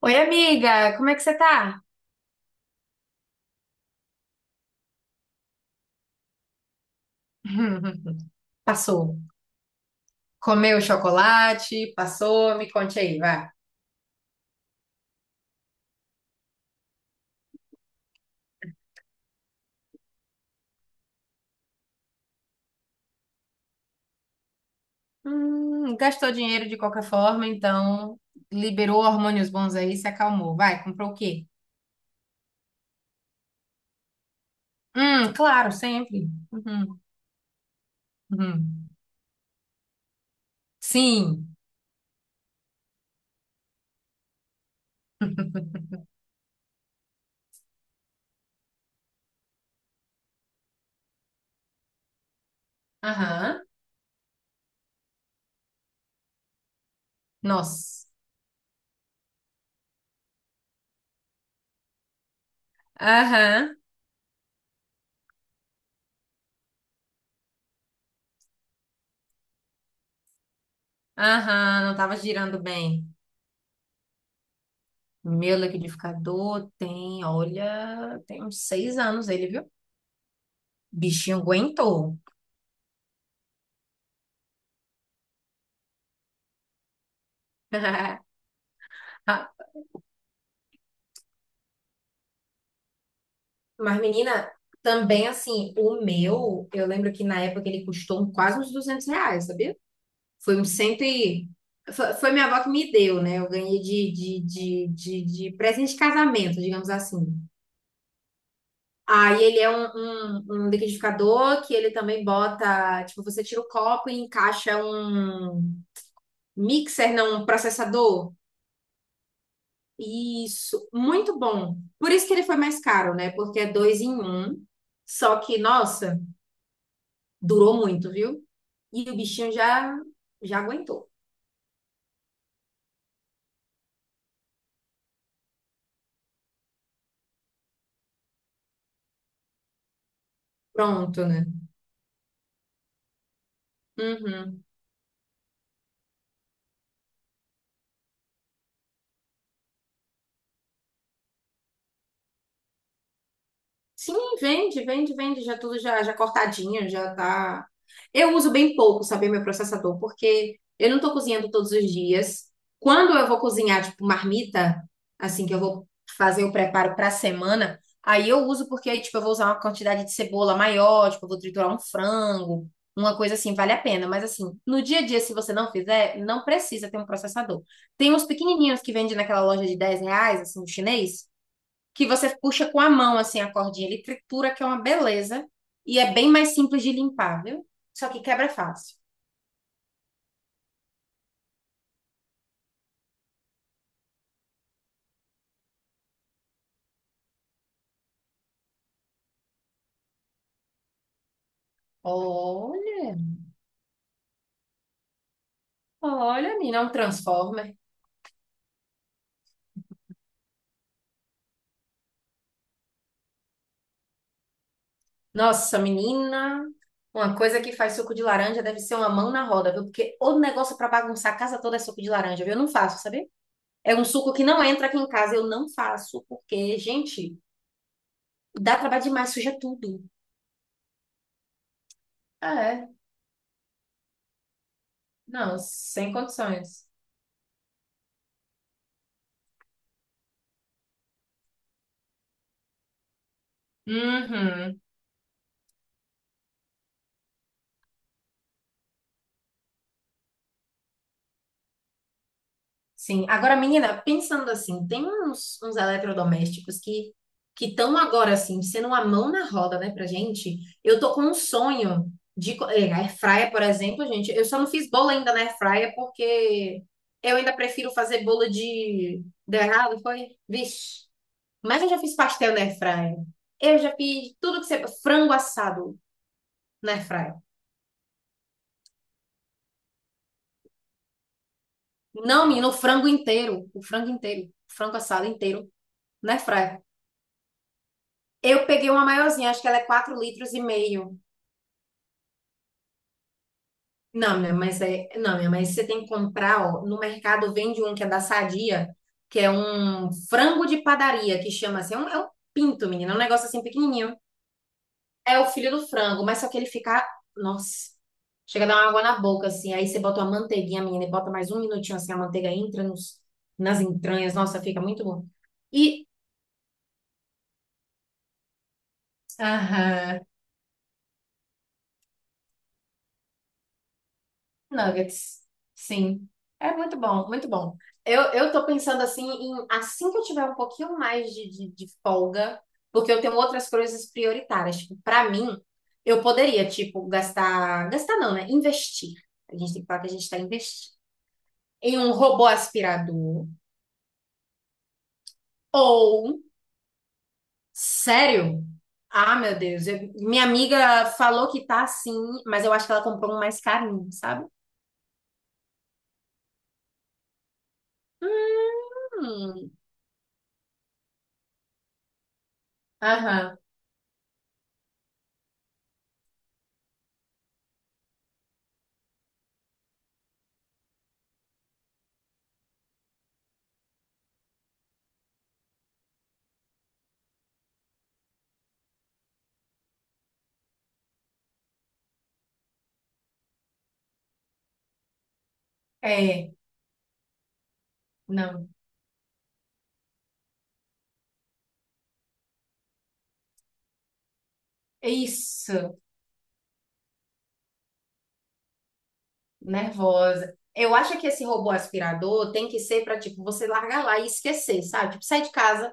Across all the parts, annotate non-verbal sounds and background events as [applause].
Oi, amiga, como é que você tá? [laughs] Passou. Comeu chocolate, passou, me conte aí, vai. Gastou dinheiro de qualquer forma, então liberou hormônios bons aí, se acalmou. Vai, comprou o quê? Claro, sempre. Uhum, uhum. Sim. [laughs] Aham. Nossa. Aham. Aham, não tava girando bem. Meu liquidificador tem, olha, tem uns 6 anos ele, viu? Bichinho aguentou. [laughs] Mas, menina, também assim, o meu, eu lembro que na época ele custou um, quase uns R$ 200, sabia? Foi um cento e... Foi minha avó que me deu, né? Eu ganhei de presente de casamento, digamos assim. Aí ele é um, um liquidificador que ele também bota... Tipo, você tira o copo e encaixa um mixer, não, um processador. Isso, muito bom. Por isso que ele foi mais caro, né? Porque é dois em um. Só que, nossa, durou muito, viu? E o bichinho já, já aguentou. Pronto, né? Uhum. Sim, vende, vende, vende, já tudo já, já cortadinho, já tá. Eu uso bem pouco, sabe, meu processador, porque eu não tô cozinhando todos os dias. Quando eu vou cozinhar, tipo, marmita, assim, que eu vou fazer o preparo pra semana, aí eu uso porque aí, tipo, eu vou usar uma quantidade de cebola maior, tipo, eu vou triturar um frango, uma coisa assim, vale a pena. Mas, assim, no dia a dia, se você não fizer, não precisa ter um processador. Tem uns pequenininhos que vendem naquela loja de R$ 10, assim, chinês, que você puxa com a mão assim a cordinha, ele tritura que é uma beleza e é bem mais simples de limpar, viu? Só que quebra fácil. Olha, olha, menina, é um transformer. Nossa, menina, uma coisa que faz suco de laranja deve ser uma mão na roda, viu? Porque o negócio pra bagunçar a casa toda é suco de laranja, viu? Eu não faço, sabe? É um suco que não entra aqui em casa, eu não faço, porque, gente, dá trabalho demais, suja tudo. Ah, é? Não, sem condições. Uhum. Sim. Agora, menina, pensando assim, tem uns eletrodomésticos que estão agora assim, sendo uma mão na roda, né, pra gente. Eu tô com um sonho de air fryer, por exemplo, gente. Eu só não fiz bolo ainda na air fryer porque eu ainda prefiro fazer bolo de deu errado, foi? Vixe. Mas eu já fiz pastel na air fryer. Eu já fiz tudo que você frango assado na air fryer. Não, menino, o frango inteiro, o frango inteiro, o frango assado inteiro na air fryer. Eu peguei uma maiorzinha, acho que ela é 4,5 litros. Não, minha, mas é, não, minha, mas você tem que comprar, ó, no mercado vende um que é da Sadia, que é um frango de padaria, que chama assim, é um pinto, menina, é um negócio assim pequenininho. É o filho do frango, mas só que ele fica, nossa, chega a dar uma água na boca assim, aí você bota uma manteiguinha, menina, e bota mais um minutinho assim, a manteiga entra nos, nas entranhas, nossa, fica muito bom. E Aham. Nuggets, sim. É muito bom, muito bom. Eu tô pensando assim em assim que eu tiver um pouquinho mais de folga, porque eu tenho outras coisas prioritárias. Tipo, pra mim, eu poderia, tipo, gastar. Gastar não, né? Investir. A gente tem que falar que a gente tá investindo. Em um robô aspirador. Ou, sério? Ah, meu Deus. Eu- minha amiga falou que tá assim, mas eu acho que ela comprou um mais carinho, sabe? Hum, aham. É. Não. Isso, nervosa. Eu acho que esse robô aspirador tem que ser para tipo você largar lá e esquecer, sabe? Tipo, sai de casa,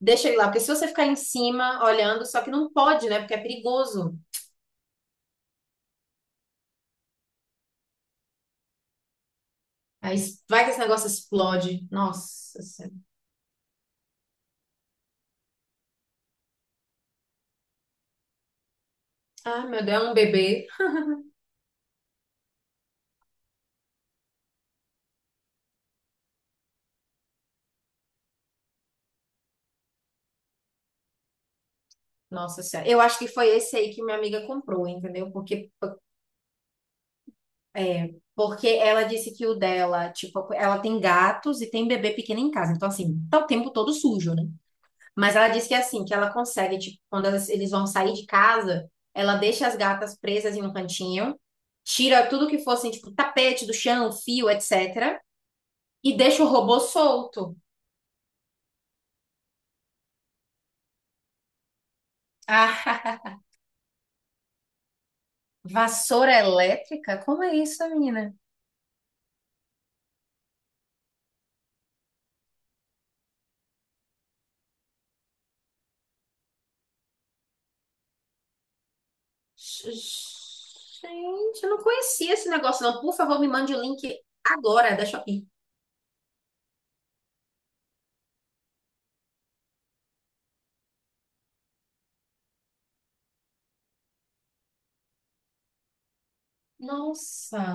deixa ele lá, porque se você ficar em cima olhando, só que não pode, né? Porque é perigoso. Vai que esse negócio explode. Nossa Senhora. Ah, meu Deus, é um bebê. Nossa Senhora. Eu acho que foi esse aí que minha amiga comprou, entendeu? Porque é, porque ela disse que o dela, tipo, ela tem gatos e tem bebê pequeno em casa. Então assim, tá o tempo todo sujo, né? Mas ela disse que é assim, que ela consegue, tipo, quando eles vão sair de casa, ela deixa as gatas presas em um cantinho, tira tudo que fosse, tipo, tapete do chão, fio, etc. E deixa o robô solto. Ah, [laughs] Vassoura elétrica? Como é isso, menina? Gente, eu não conhecia esse negócio, não. Por favor, me mande o link agora da Shopee. Nossa.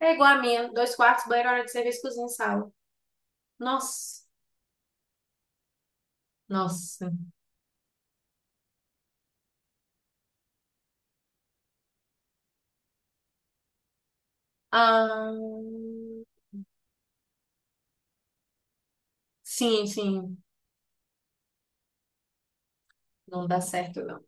É igual a minha. Dois quartos, banheiro, hora de serviço, cozinha e sala. Nossa. Nossa. Ah. Sim, sim, não dá certo, não.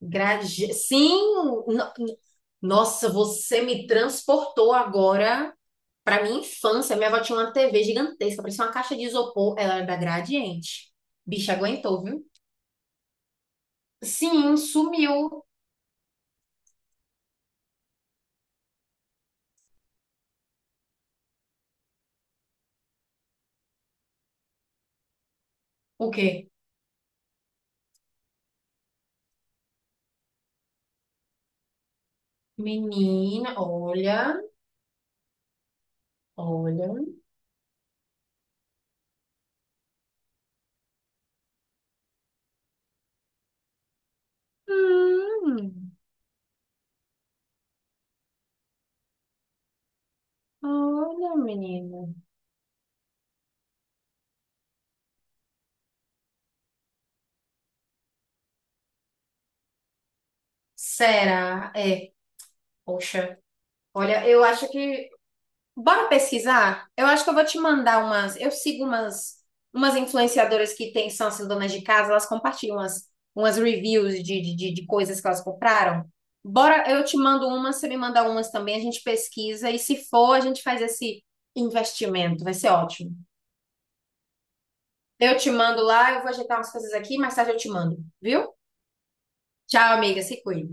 Sim, no- nossa, você me transportou agora para minha infância. Minha avó tinha uma TV gigantesca, parecia uma caixa de isopor. Ela era da Gradiente. Bicha aguentou, viu? Sim, sumiu. O quê? Menina, olha, olha. Hum, olha, menina. Será? É, poxa. Olha, eu acho que Bora pesquisar? Eu acho que eu vou te mandar umas. Eu sigo umas influenciadoras que têm, são assim, donas de casa, elas compartilham umas, umas reviews de coisas que elas compraram. Bora, eu te mando umas, você me manda umas também, a gente pesquisa e se for, a gente faz esse investimento, vai ser ótimo. Eu te mando lá, eu vou ajeitar umas coisas aqui, mais tarde eu te mando, viu? Tchau, amiga, se cuida.